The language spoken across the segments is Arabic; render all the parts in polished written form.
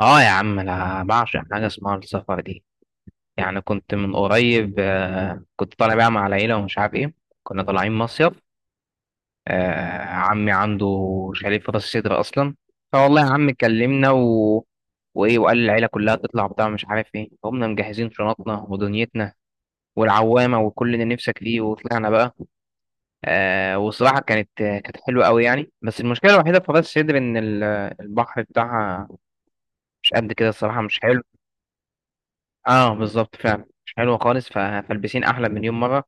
اه، يا عم، انا بعشق حاجه اسمها السفر دي. يعني كنت من قريب آه، كنت طالع بقى مع العيله ومش عارف ايه. كنا طالعين مصيف. آه، عمي عنده شاليه في راس سدر اصلا. فوالله يا عم كلمنا وايه، وقال العيله كلها تطلع بتاع مش عارف ايه. قمنا مجهزين شنطنا ودنيتنا والعوامه وكل اللي نفسك فيه، وطلعنا بقى. آه وصراحه كانت حلوه قوي يعني. بس المشكله الوحيده في راس سدر ان البحر بتاعها مش قد كده الصراحه، مش حلو. اه بالظبط، فعلا مش حلوه خالص. فالبسين احلى مليون مره.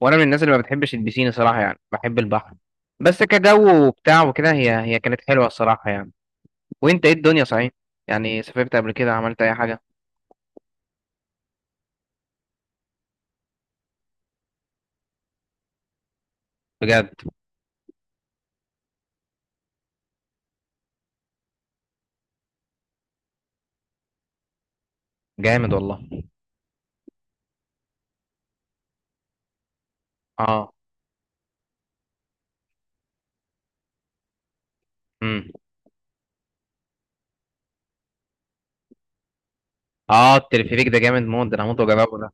وانا من الناس اللي ما بتحبش البسين صراحه، يعني بحب البحر بس كجو وبتاع وكده. هي كانت حلوه الصراحه يعني. وانت ايه الدنيا صحيح؟ يعني سافرت قبل كده، عملت اي حاجه؟ بجد. جامد والله. اه. امم. اه، التلفريك ده جامد موت، ده انا هموت واجربه ده.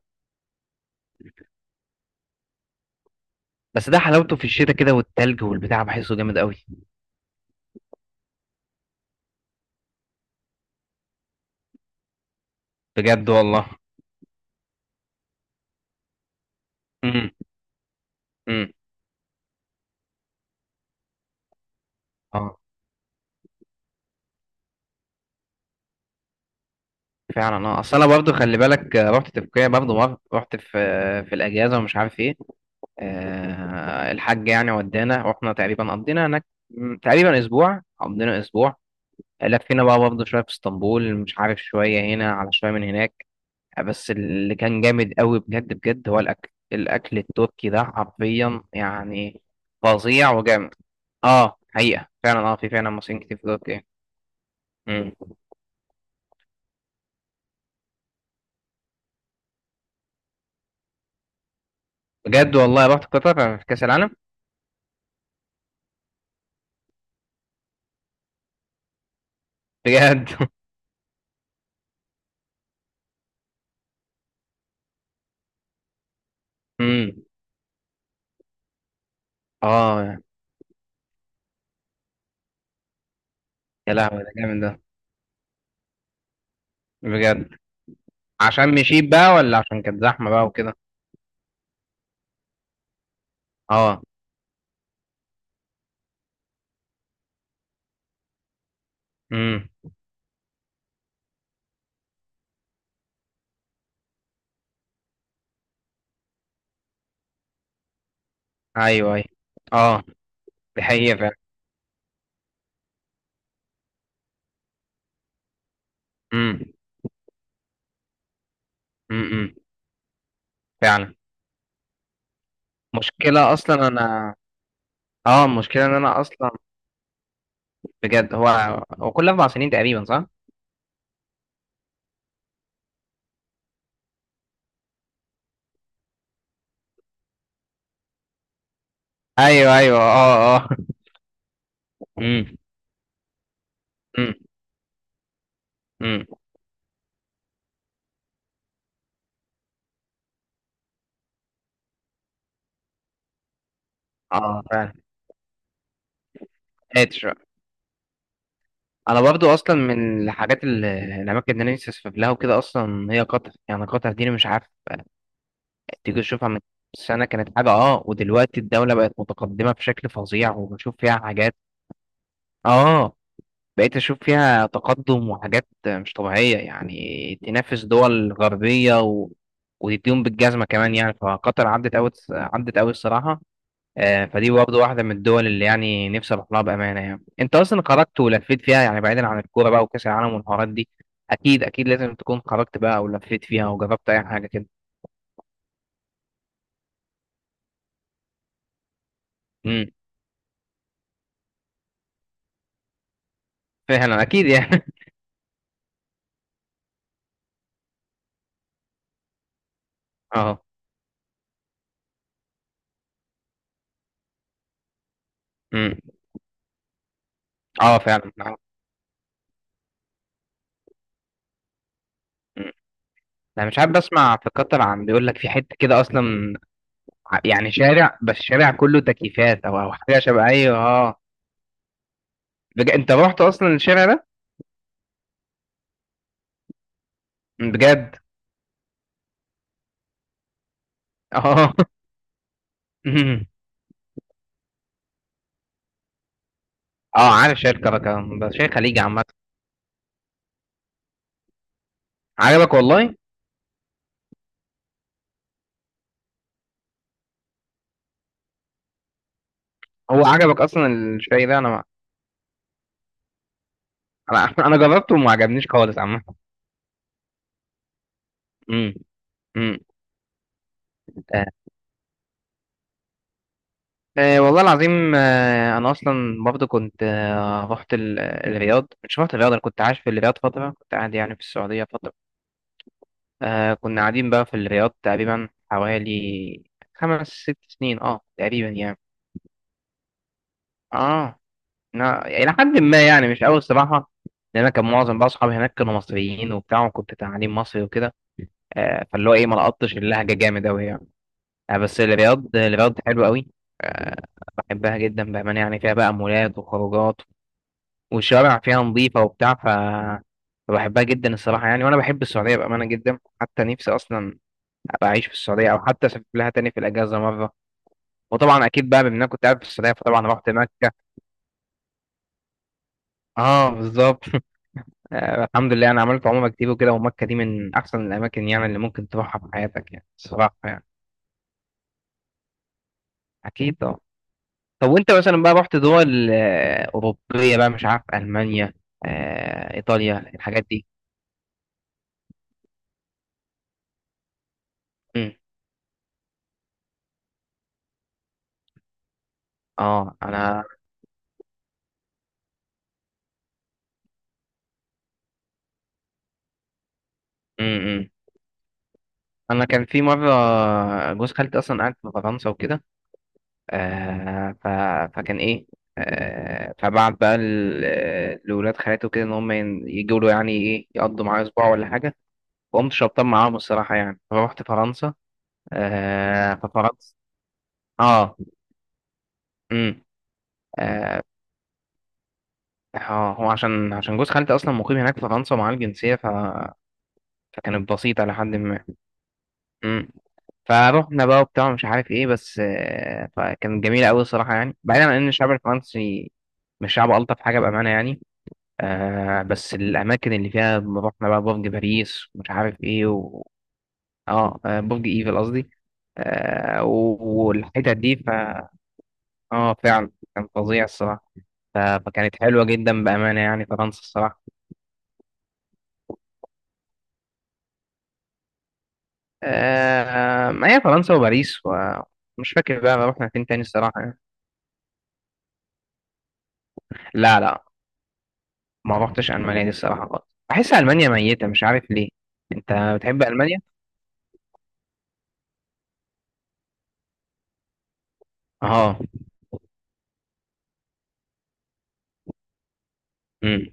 بس ده حلاوته في الشتاء كده، والتلج والبتاع بحسه جامد قوي. بجد والله. امم. امم. اه فعلا. اه، اصل انا برضه خلي بالك، رحت تركيا برضه مره. رحت في الاجازه ومش عارف ايه. الحاج يعني ودانا، واحنا تقريبا قضينا هناك تقريبا اسبوع. قضينا اسبوع، لفينا بقى برضه شويه في اسطنبول، مش عارف شويه هنا على شويه من هناك. بس اللي كان جامد قوي بجد بجد هو الاكل التركي ده حرفيا يعني فظيع وجامد. اه حقيقه فعلا، اه في فعلا مصريين كتير في تركيا. مم. بجد والله، رحت قطر في كاس العالم؟ بجد. مم. اه، يا لهوي ده جامد ده. بجد. عشان مشيت بقى، ولا عشان كانت زحمه بقى وكده؟ اه. امم. ايوه، ايوه، اه. دي حقيقة فعلا. امم. امم. فعلا. مشكلة اصلا انا اه المشكلة ان انا اصلا، بجد. هو كل 4 سنين تقريبا، صح؟ ايوه، ايوه، اه، اه. امم. امم. امم. اه فعلا. قادر. انا برضو اصلا من الحاجات، الاماكن اللي انا نفسي اسافر لها وكده اصلا، هي قطر. يعني قطر دي أنا مش عارف تيجي تشوفها من سنة كانت حاجة اه، ودلوقتي الدولة بقت متقدمة بشكل فظيع، وبشوف فيها حاجات. اه، بقيت أشوف فيها تقدم وحاجات مش طبيعية، يعني تنافس دول غربية وتديهم بالجزمة كمان يعني. فقطر عدت أوي، عدت أوي الصراحة. فدي برضه واحدة من الدول اللي يعني نفسي أروح لها بأمانة. يعني أنت أصلا خرجت ولفيت فيها، يعني بعيدا عن الكورة بقى وكأس العالم والحوارات دي، أكيد أكيد لازم تكون خرجت بقى ولفيت فيها وجربت أي حاجة كده. امم. فعلا، أكيد يعني. أه. امم. أه فعلا أه. أمم. أنا مش عارف، بسمع في قطر عن بيقول لك في حتة كده أصلا، يعني شارع، بس شارع كله تكييفات او حاجه شبه، ايوه اه. انت رحت اصلا الشارع ده؟ بجد. اه. اه، عارف شاي الكركه، ده شاي خليجي عامه. عجبك والله. هو عجبك اصلا الشاي ده؟ انا ما... انا انا جربته وما عجبنيش خالص عامه. امم. امم. آه. آه والله العظيم، انا اصلا برضه كنت، رحت الرياض. مش رحت الرياض، انا كنت عايش في الرياض فتره، كنت قاعد يعني في السعوديه فتره. آه، كنا قاعدين بقى في الرياض تقريبا، حوالي 5 أو 6 سنين اه تقريبا يعني. اه، إلى حد ما، يعني مش أوي الصراحة. لأن أنا كان معظم بقى أصحابي هناك كانوا مصريين وبتاع، وكنت تعليم مصري وكده. فاللي هو إيه، ما لقطتش اللهجة جامد أوي يعني. بس الرياض حلوة أوي. آه، بحبها جدا بأمانة يعني. فيها بقى مولات وخروجات، والشوارع فيها نظيفة وبتاع. ف فبحبها جدا الصراحة يعني. وأنا بحب السعودية بأمانة جدا، حتى نفسي أصلا ابقى اعيش في السعوديه، او حتى اسافر لها تاني في الاجازه مره. وطبعا اكيد بقى، بما إن انا كنت قاعد في السعوديه فطبعا رحت مكه. اه بالظبط. آه، الحمد لله، انا عملت عمره كتير وكده، ومكه دي من احسن الاماكن يعني اللي ممكن تروحها في حياتك يعني الصراحه يعني. اكيد اه. طب وانت مثلا بقى، رحت دول اوروبيه بقى؟ مش عارف المانيا، ايطاليا، الحاجات دي. امم. اه. امم انا كان في مره، جوز خالتي اصلا قاعد في فرنسا وكده. آه ف... فكان ايه، آه. فبعت بقى لولاد خالته كده ان هم يجوا له، يعني ايه، يقضوا معاه اسبوع ولا حاجه. وقمت شبطان معاهم الصراحه يعني، فروحت فرنسا. آه، ففرنسا اه. امم. آه، هو عشان، جوز خالتي اصلا مقيم هناك في فرنسا ومعاه الجنسيه، فكانت بسيطه لحد ما. امم. فروحنا بقى وبتاع مش عارف ايه، بس فكانت جميله قوي الصراحه يعني، بعيدا عن ان الشعب الفرنسي مش شعب الطف حاجه بامانه يعني. آه، بس الأماكن اللي فيها رحنا بقى، برج باريس ومش عارف إيه آه، برج إيفل قصدي. آه و- والحتت دي، آه فعلا كان فظيع الصراحة. فكانت حلوة جدا بأمانة يعني، فرنسا الصراحة. آه، ما هي فرنسا وباريس، ومش فاكر بقى ما رحنا فين تاني الصراحة يعني. لا، لا، ما رحتش ألمانيا دي الصراحة خالص. بحس ألمانيا ميتة مش عارف ليه. أنت بتحب ألمانيا؟ آه. امم.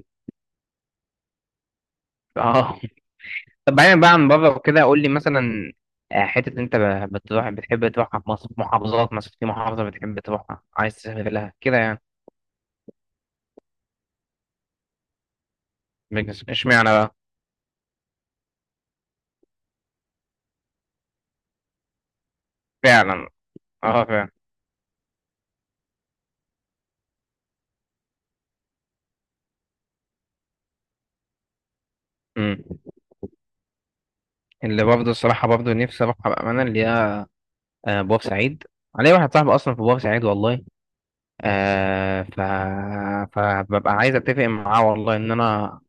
آه. طب بعيدا بقى عن بره وكده، قول لي مثلا، حتة اللي انت بتروح بتحب تروحها في مصر. محافظات مثلا، في محافظة بتحب تروحها عايز تسافر لها كده يعني؟ اشمعنى بقى؟ فعلا. اه فعلا. امم. اللي برضه الصراحة برضه نفسي اروحها بأمانة، اللي هي بورسعيد. علي واحد صاحبي أصلا في بورسعيد والله. آه ف فببقى عايز أتفق معاه والله، إن أنا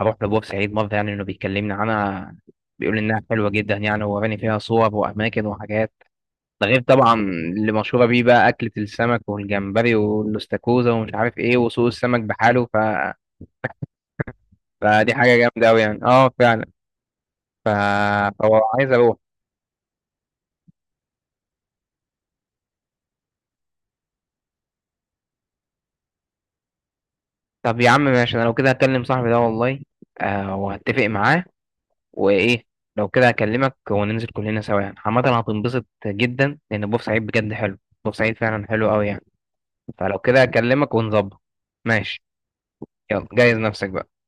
أروح لبورسعيد مرة يعني. إنه بيكلمني عنها، بيقول إنها حلوة جدا يعني، ووراني فيها صور وأماكن وحاجات. ده غير طبعا اللي مشهورة بيه بقى، أكلة السمك والجمبري والاستاكوزا ومش عارف إيه، وسوق السمك بحاله. فدي حاجة جامدة أوي يعني، أه فعلا. ف... فهو عايز أروح. طب يا عم ماشي، أنا لو كده هكلم صاحبي ده والله، آه، وهتفق معاه وإيه. لو كده هكلمك وننزل كلنا سوا يعني، عامة هتنبسط جدا لأن بورسعيد بجد حلو. بورسعيد فعلا حلو أوي يعني. فلو كده هكلمك ونظبط. ماشي. يلا جهز نفسك بقى.